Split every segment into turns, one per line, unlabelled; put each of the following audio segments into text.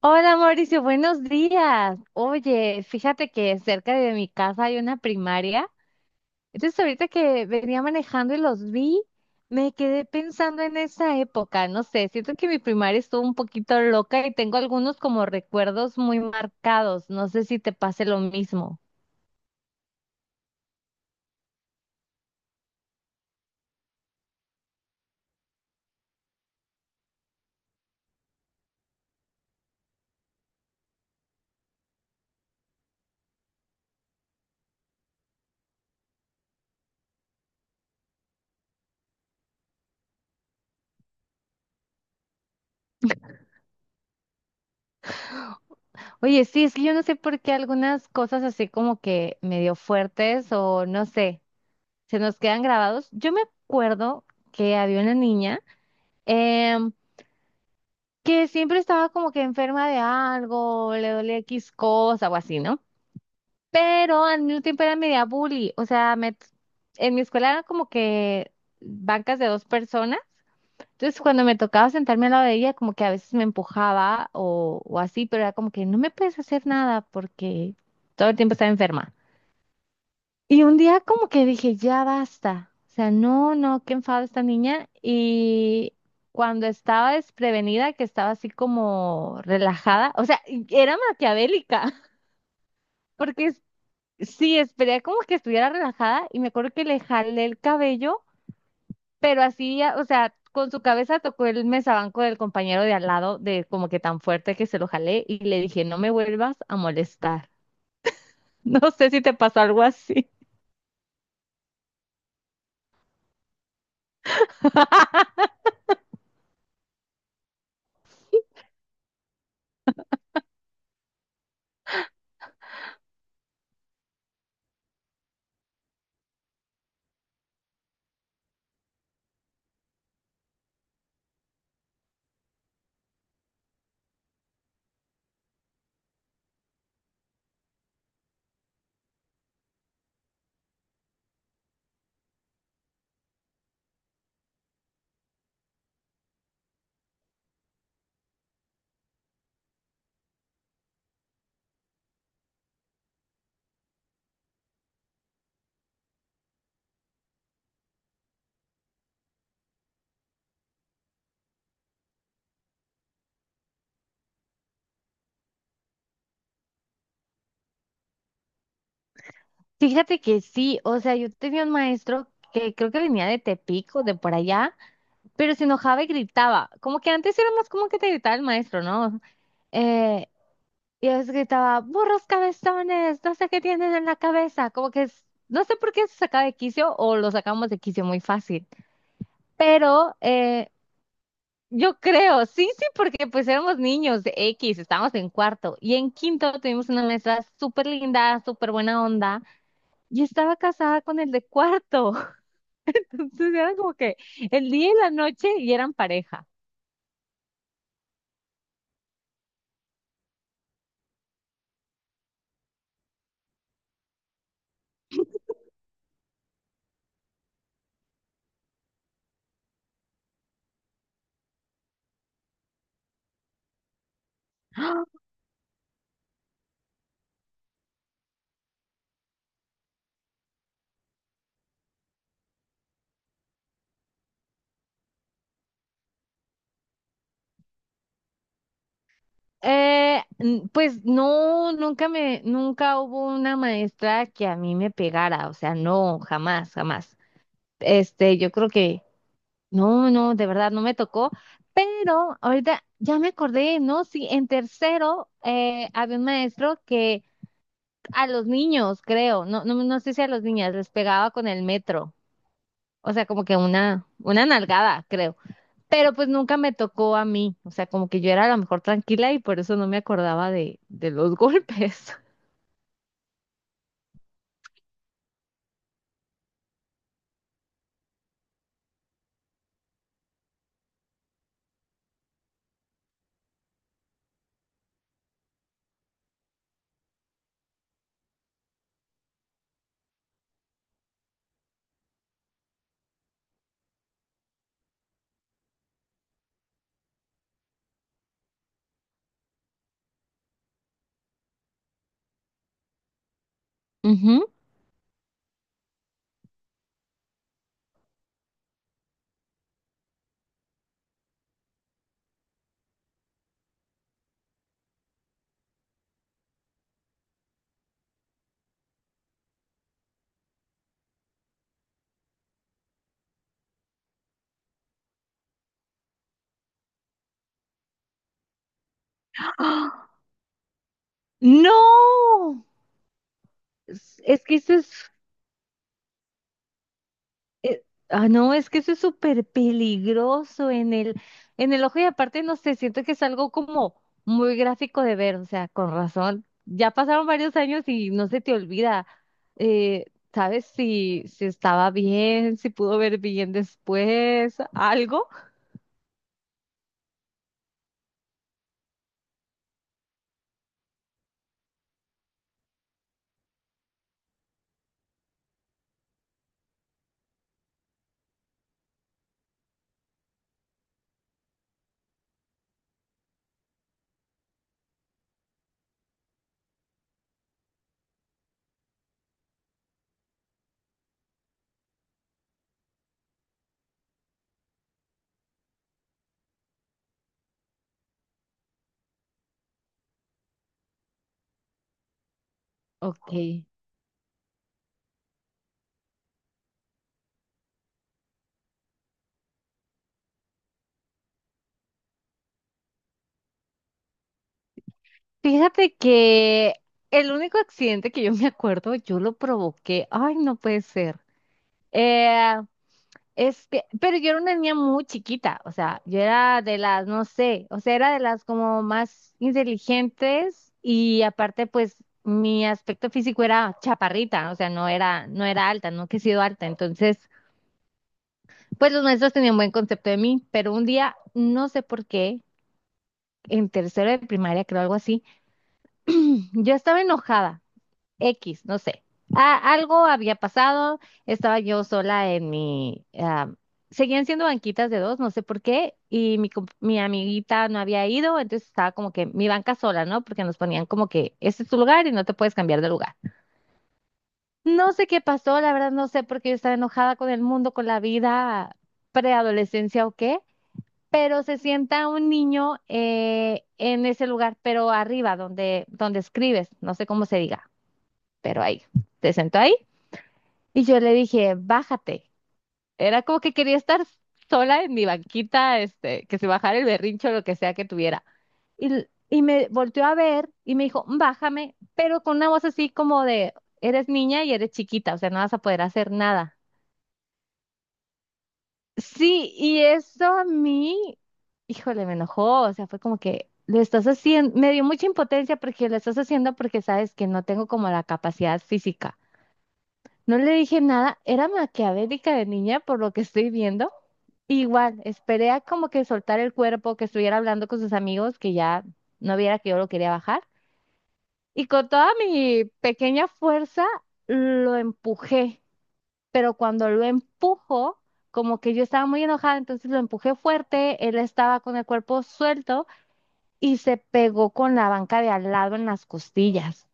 Hola Mauricio, buenos días. Oye, fíjate que cerca de mi casa hay una primaria. Entonces ahorita que venía manejando y los vi, me quedé pensando en esa época. No sé, siento que mi primaria estuvo un poquito loca y tengo algunos como recuerdos muy marcados. No sé si te pase lo mismo. Oye, sí, es que yo no sé por qué algunas cosas así como que medio fuertes o no sé, se nos quedan grabados. Yo me acuerdo que había una niña. em, que siempre estaba como que enferma de algo, le dolía X cosa o así, ¿no? Pero al mismo tiempo era media bully, o sea, me, en mi escuela eran como que bancas de dos personas, entonces cuando me tocaba sentarme al lado de ella, como que a veces me empujaba o así, pero era como que no me puedes hacer nada porque todo el tiempo estaba enferma. Y un día como que dije, ya basta. O sea, no, no, qué enfado esta niña. Y cuando estaba desprevenida, que estaba así como relajada, o sea, y era maquiavélica. porque es- sí, esperé como que estuviera relajada y me acuerdo que le jalé el cabello, pero así, o sea, con su cabeza tocó el mesabanco del compañero de al lado, de como que tan fuerte que se lo jalé y le dije, no me vuelvas a molestar. No sé si te pasó algo así. Fíjate que sí, o sea, yo tenía un maestro que creo que venía de Tepic o de por allá, pero se enojaba y gritaba. Como que antes era más como que te gritaba el maestro, ¿no? Eh, y a veces gritaba, burros cabezones, no sé qué tienen en la cabeza. No sé por qué se sacaba de quicio o lo sacamos de quicio muy fácil. Pero yo creo, sí, sí, porque pues éramos niños de X, estábamos en cuarto. Y en quinto tuvimos una maestra súper linda, súper buena onda. Y estaba casada con el de cuarto. Entonces eran como que el día y la noche y eran pareja. ¡Ah! Pues no, nunca me, nunca hubo una maestra que a mí me pegara, o sea, no, jamás, jamás. Este, yo creo que no, no, de verdad no me tocó, pero ahorita ya me acordé, ¿no? Sí, en tercero había un maestro que a los niños, creo, no, no, no sé si a los niñas les pegaba con el metro, o sea, como que una nalgada, creo. Pero pues nunca me tocó a mí, o sea, como que yo era a lo mejor tranquila y por eso no me acordaba de los golpes. Ujú. ¡Ah! ¡No! Es que eso es, eh, no, es que eso es súper peligroso en el ojo y aparte, no sé, siento que es algo como muy gráfico de ver, o sea, con razón. Ya pasaron varios años y no se te olvida, eh, ¿sabes si, si estaba bien, si pudo ver bien después, algo? Ok. Fíjate que el único accidente que yo me acuerdo, yo lo provoqué. Ay, no puede ser. Eh, es que, pero yo era una niña muy chiquita, o sea, yo era de las, no sé, o sea, era de las como más inteligentes y aparte, pues, mi aspecto físico era chaparrita, o sea, no era, no era alta, nunca he sido alta, entonces, pues los maestros tenían buen concepto de mí, pero un día, no sé por qué, en tercero de primaria, creo algo así, yo estaba enojada. X, no sé. Algo había pasado, estaba yo sola en mi... ah, seguían siendo banquitas de dos, no sé por qué, y mi amiguita no había ido, entonces estaba como que mi banca sola, ¿no? Porque nos ponían como que este es tu lugar y no te puedes cambiar de lugar. No sé qué pasó, la verdad no sé por qué yo estaba enojada con el mundo, con la vida, preadolescencia o qué, pero se sienta un niño en ese lugar, pero arriba, donde, donde escribes, no sé cómo se diga, pero ahí. Se sentó ahí y yo le dije, bájate. Era como que quería estar sola en mi banquita, este, que se bajara el berrincho o lo que sea que tuviera. Y, y me volteó a ver y me dijo, bájame, pero con una voz así como de, eres niña y eres chiquita, o sea, no vas a poder hacer nada. Sí, y eso a mí, híjole, me enojó, o sea, fue como que lo estás haciendo, me dio mucha impotencia porque lo estás haciendo porque sabes que no tengo como la capacidad física. No le dije nada, era maquiavélica de niña por lo que estoy viendo. Igual, esperé a como que soltar el cuerpo, que estuviera hablando con sus amigos, que ya no viera que yo lo quería bajar. Y con toda mi pequeña fuerza lo empujé, pero cuando lo empujo, como que yo estaba muy enojada, entonces lo empujé fuerte, él estaba con el cuerpo suelto y se pegó con la banca de al lado en las costillas.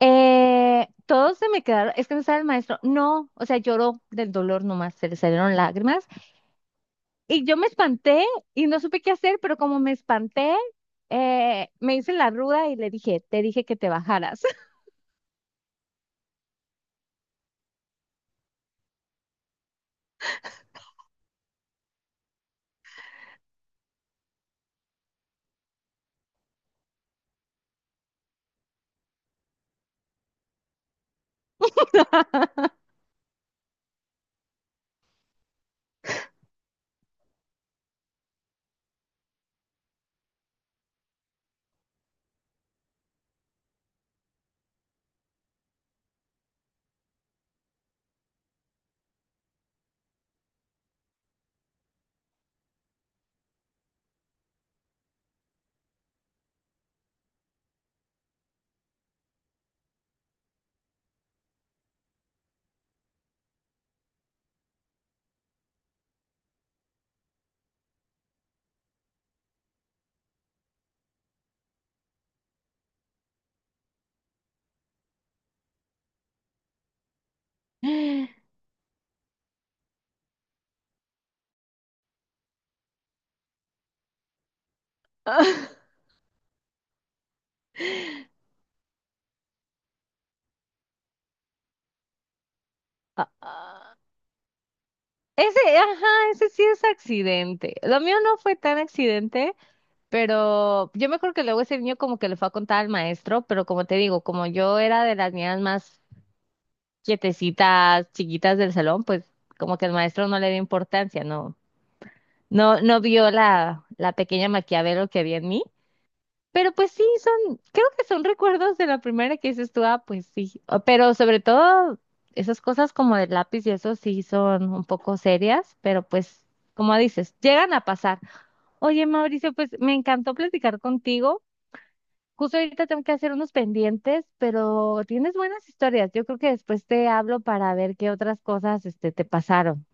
Todos se me quedaron, es que me sabe el maestro, no, o sea, lloró del dolor nomás, se le salieron lágrimas y yo me espanté y no supe qué hacer, pero como me espanté, me hice la ruda y le dije, te dije que te bajaras. Ah, ah. Ese, ajá, ese sí es accidente. Lo mío no fue tan accidente, pero yo me acuerdo que luego ese niño como que le fue a contar al maestro, pero como te digo, como yo era de las niñas más quietecitas, chiquitas del salón, pues como que el maestro no le dio importancia, no, no, no vio la, la pequeña Maquiavelo que había en mí. Pero pues sí, son, creo que son recuerdos de la primera que dices tú, ah, pues sí. Pero sobre todo, esas cosas como del lápiz y eso sí son un poco serias, pero pues, como dices, llegan a pasar. Oye, Mauricio, pues me encantó platicar contigo. Justo ahorita tengo que hacer unos pendientes, pero tienes buenas historias. Yo creo que después te hablo para ver qué otras cosas, este, te pasaron.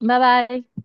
Bye bye.